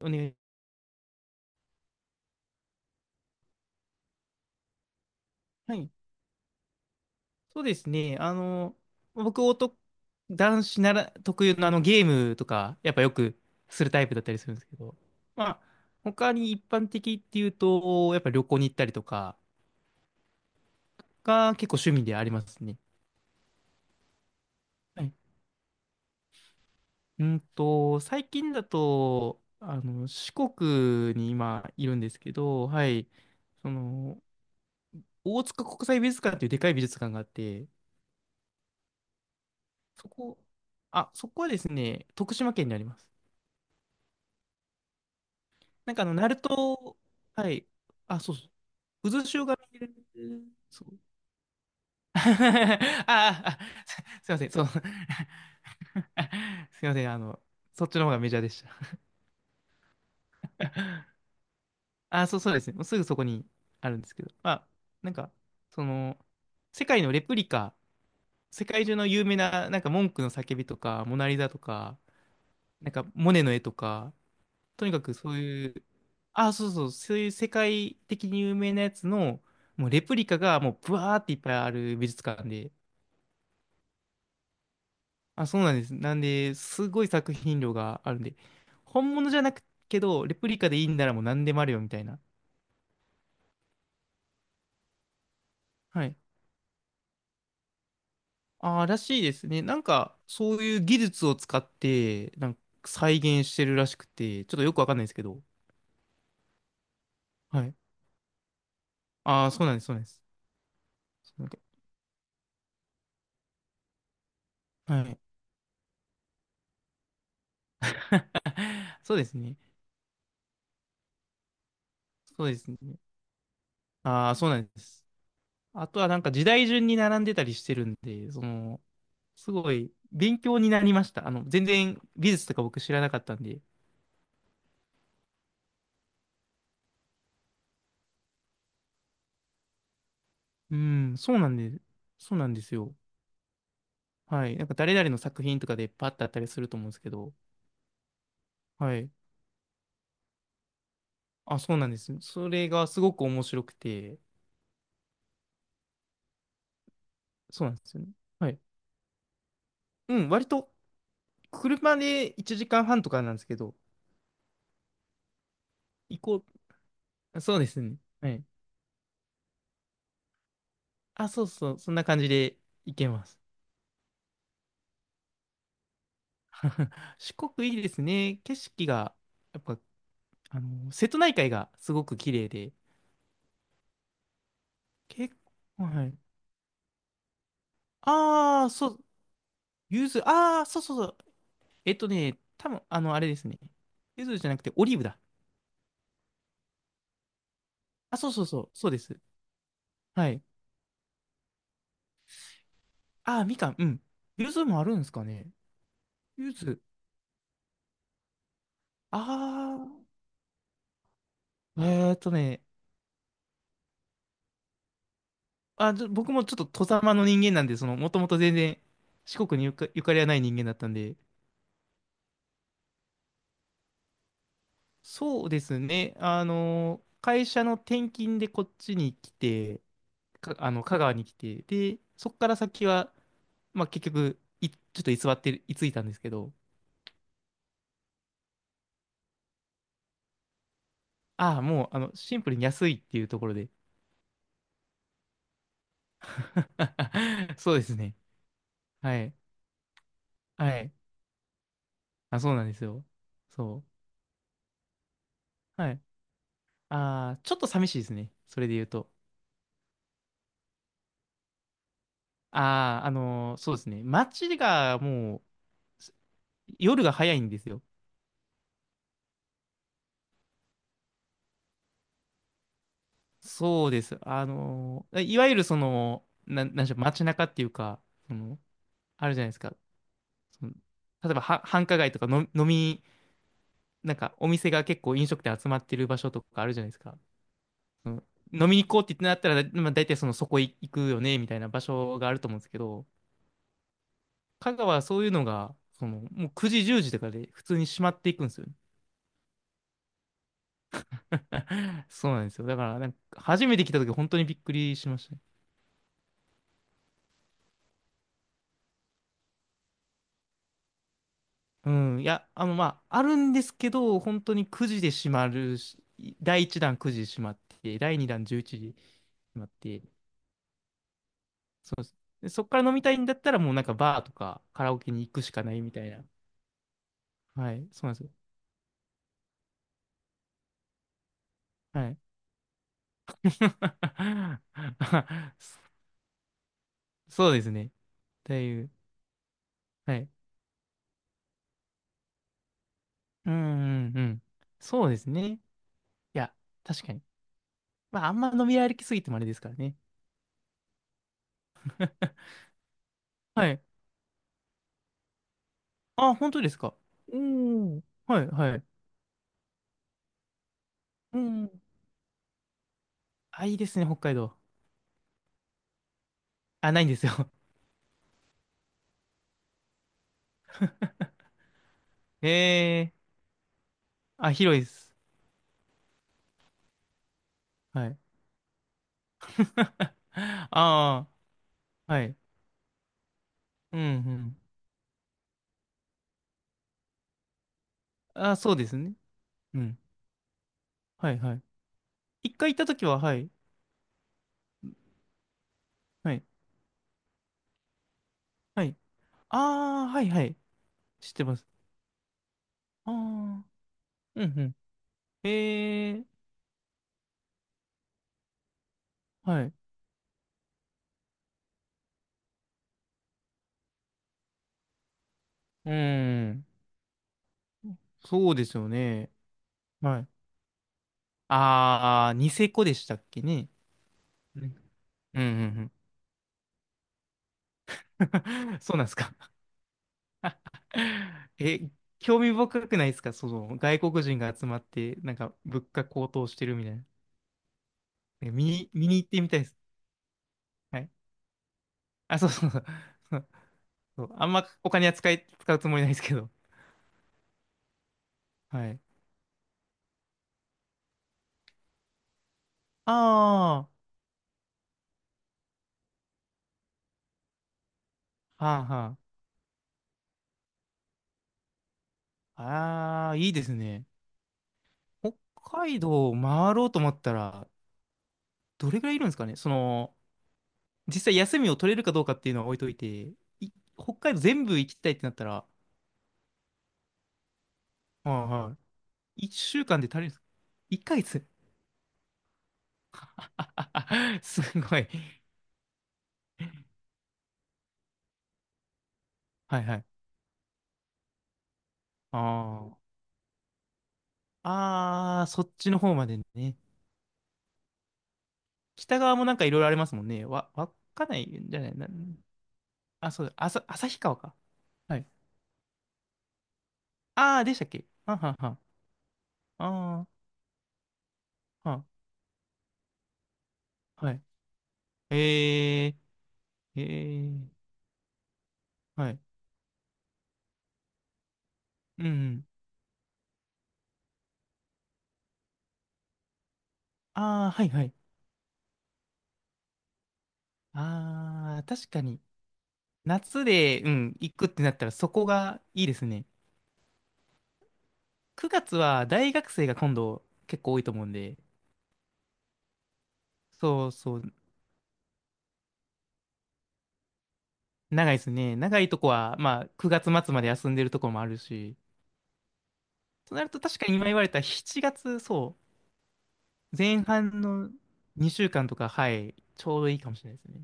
お願い。はい。そうですね。僕、男、男子なら特有のゲームとか、やっぱよくするタイプだったりするんですけど、まあ、他に一般的っていうと、やっぱ旅行に行ったりとかが結構趣味でありますね。はい。最近だと、四国に今いるんですけど、はい。その、大塚国際美術館っていうでかい美術館があって、そこ、あ、そこはですね、徳島県にあります。ナルト、はい。あ、そうそう。渦潮が見える。そう。ああ、あ、すいません。そう。すいません。そっちの方がメジャーでした。あ、そうですね。もうすぐそこにあるんですけど。まあ、なんか、その、世界のレプリカ、世界中の有名な、文句の叫びとか、モナリザとか、モネの絵とか、とにかくそういう、あ、そうそう、そういう世界的に有名なやつの、もうレプリカがもうブワーっていっぱいある美術館で、あ、そうなんです。なんで、すごい作品量があるんで、本物じゃなくけど、レプリカでいいんならもう何でもあるよみたいな。はい。ああらしいですね。そういう技術を使って、再現してるらしくて、ちょっとよくわかんないですけど。はい。ああそうなんです、そうなんです。そうはい。そうですね。そうですね。ああ、そうなんです。あとは時代順に並んでたりしてるんで、すごい勉強になりました。全然美術とか僕知らなかったんで。うん、そうなんで、そうなんですよ。はい。誰々の作品とかでパッとあったりすると思うんですけど、はい。あ、そうなんですよ。それがすごく面白くて、そうなんですよね。はい。うん、割と車で1時間半とかなんですけど、行こう。そうですね。はい。あ、そうそう、そんな感じで行けます。四国いいですね。景色が、やっぱ、瀬戸内海がすごく綺麗で、結構、はい。ああ、そう、ゆず、ああ、そうそうそう。多分あれですね。ゆずじゃなくて、オリーブだ。あ、そうそうそう、そうです。はい。ああ、みかん、うん。ゆずもあるんですかね。ゆず、ああ、あ、僕もちょっと、外様の人間なんで、もともと全然、四国にゆかりはない人間だったんで、そうですね。会社の転勤でこっちに来て、か、あの、香川に来て、で、そこから先は、まあ、結局、ちょっと居座ってる、居ついたんですけど、ああ、もう、シンプルに安いっていうところで。そうですね。はい。はい。あ、そうなんですよ。そう。はい。ああ、ちょっと寂しいですね。それで言うと。ああ、そうですね。街がもう、夜が早いんですよ。そうです。いわゆるその、なんでしょう、街中っていうか、その、あるじゃないですか。その、例えばは、繁華街とかの、お店が結構飲食店集まってる場所とかあるじゃないですか。その飲みに行こうって言ってなったら、まあ、大体そのそこ行くよね、みたいな場所があると思うんですけど、香川はそういうのが、もう9時、10時とかで普通に閉まっていくんですよね。そうなんですよ。だから、初めて来た時本当にびっくりしましたね。うん、いや、あるんですけど、本当に9時で閉まるし、第1弾9時で閉まって、第2弾11時で閉まって、そうです。で、そっから飲みたいんだったら、もうバーとかカラオケに行くしかないみたいな。はい、そうなんですよ。はい。そうですね。だいぶ。はい。うん、うん、うん。そうですね。いや、確かに。まあ、あんま飲み歩きすぎてもあれですからね。はい。あ、本当ですか。うん。はい、はい。うん。あ、いいですね、北海道。あ、ないんですよ。ええあ、広いです。はい。ああ、はい。うん、うん。あ、そうですね。うん。はい、はい。一回行った時は、はい。はい。はい。ああ、はい、はい。知ってます。ああ、うん、うん。ええはい。うん。そうですよね。はい。ああ、ニセコでしたっけね。うん、うん、うん。うん そうなんですか。え、興味深くないですかその外国人が集まって、物価高騰してるみたいな。え見に、見に行ってみたいです。はい。あ、そうそうそう。そうあんまお金は使うつもりないですけど。はい。ああ、はあはあ。ああ、いいですね。北海道を回ろうと思ったら、どれぐらいいるんですかねその、実際休みを取れるかどうかっていうのは置いといて、い北海道全部行きたいってなったら、はいはい。1週間で足りるんですか1ヶ月 すごい。はいはい。ああ。ああ、そっちの方までね。北側もいろいろありますもんね。わかないんじゃないな。あ、そうだ。旭川か。はい。ああ、でしたっけはんはんはん。ああ、はん。はい。えー、えー、はい。うんうん。ああ、はいはい。ああ、確かに。夏で、うん、行くってなったらそこがいいですね。9月は大学生が今度結構多いと思うんで。そうそう。長いですね。長いとこは、まあ、9月末まで休んでるとこもあるし、となると確かに今言われた7月、そう、前半の2週間とか、はい、ちょうどいいかもしれないですね。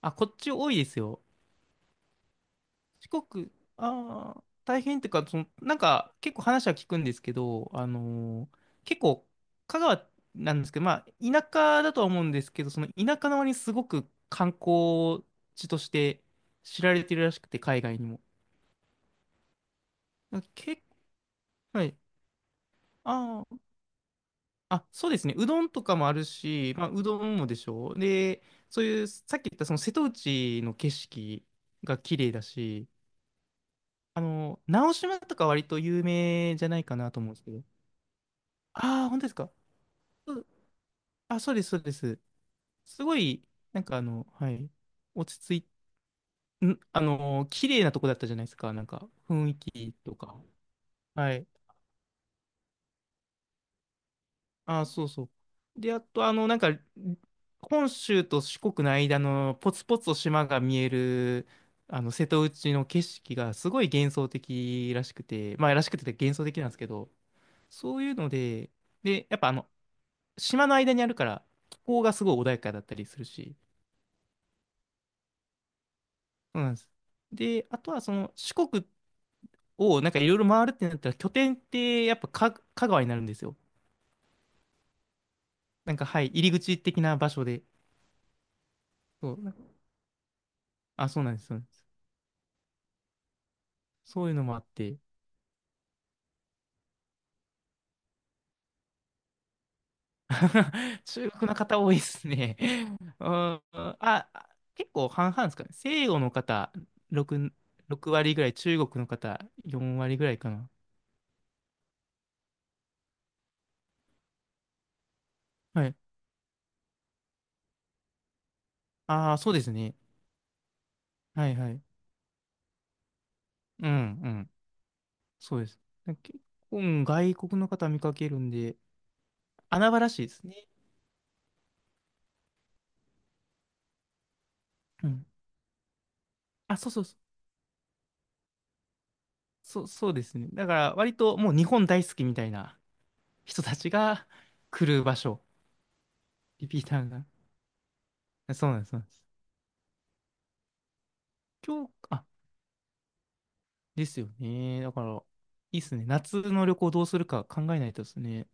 あ、こっち多いですよ。四国、ああ、大変っていうか、結構話は聞くんですけど、結構、香川なんですけど、まあ、田舎だとは思うんですけど、その田舎の割にすごく観光地として知られてるらしくて、海外にも。結構、はい。ああ。あ、そうですね。うどんとかもあるし、まあ、うどんもでしょう。で、そういう、さっき言ったその瀬戸内の景色が綺麗だし、直島とか割と有名じゃないかなと思うんですけど。ああ、本当ですか。うんあ、そうです、そうです。すごい、はい、落ち着い、ん、あの、綺麗なとこだったじゃないですか。雰囲気とか。はい。ああ、そうそう。で、あと、本州と四国の間のポツポツと島が見える、瀬戸内の景色がすごい幻想的らしくて、まあ、らしくて幻想的なんですけど、そういうので、で、やっぱ島の間にあるから、気候がすごい穏やかだったりするし、そうなんです。で、あとはその、四国をいろいろ回るってなったら、拠点ってやっぱ香川になるんですよ。なんか、はい、入り口的な場所で。そう、あ、そうなんです。そうなんですそういうのもあって。中国の方多いですね。うん、あ、結構半々ですかね。西洋の方6、6割ぐらい、中国の方4割ぐらいかな。はい。ああ、そうですね。はいはい。うんうん。そうです。結構、うん外国の方見かけるんで、穴場らしいですね。うん。あ、そうそうそう。そう、そうですね。だから、割ともう日本大好きみたいな人たちが来る場所。リピーターが。そうなんです。そうなんです。今日、あ、ですよね。だから、いいっすね。夏の旅行どうするか考えないとですね。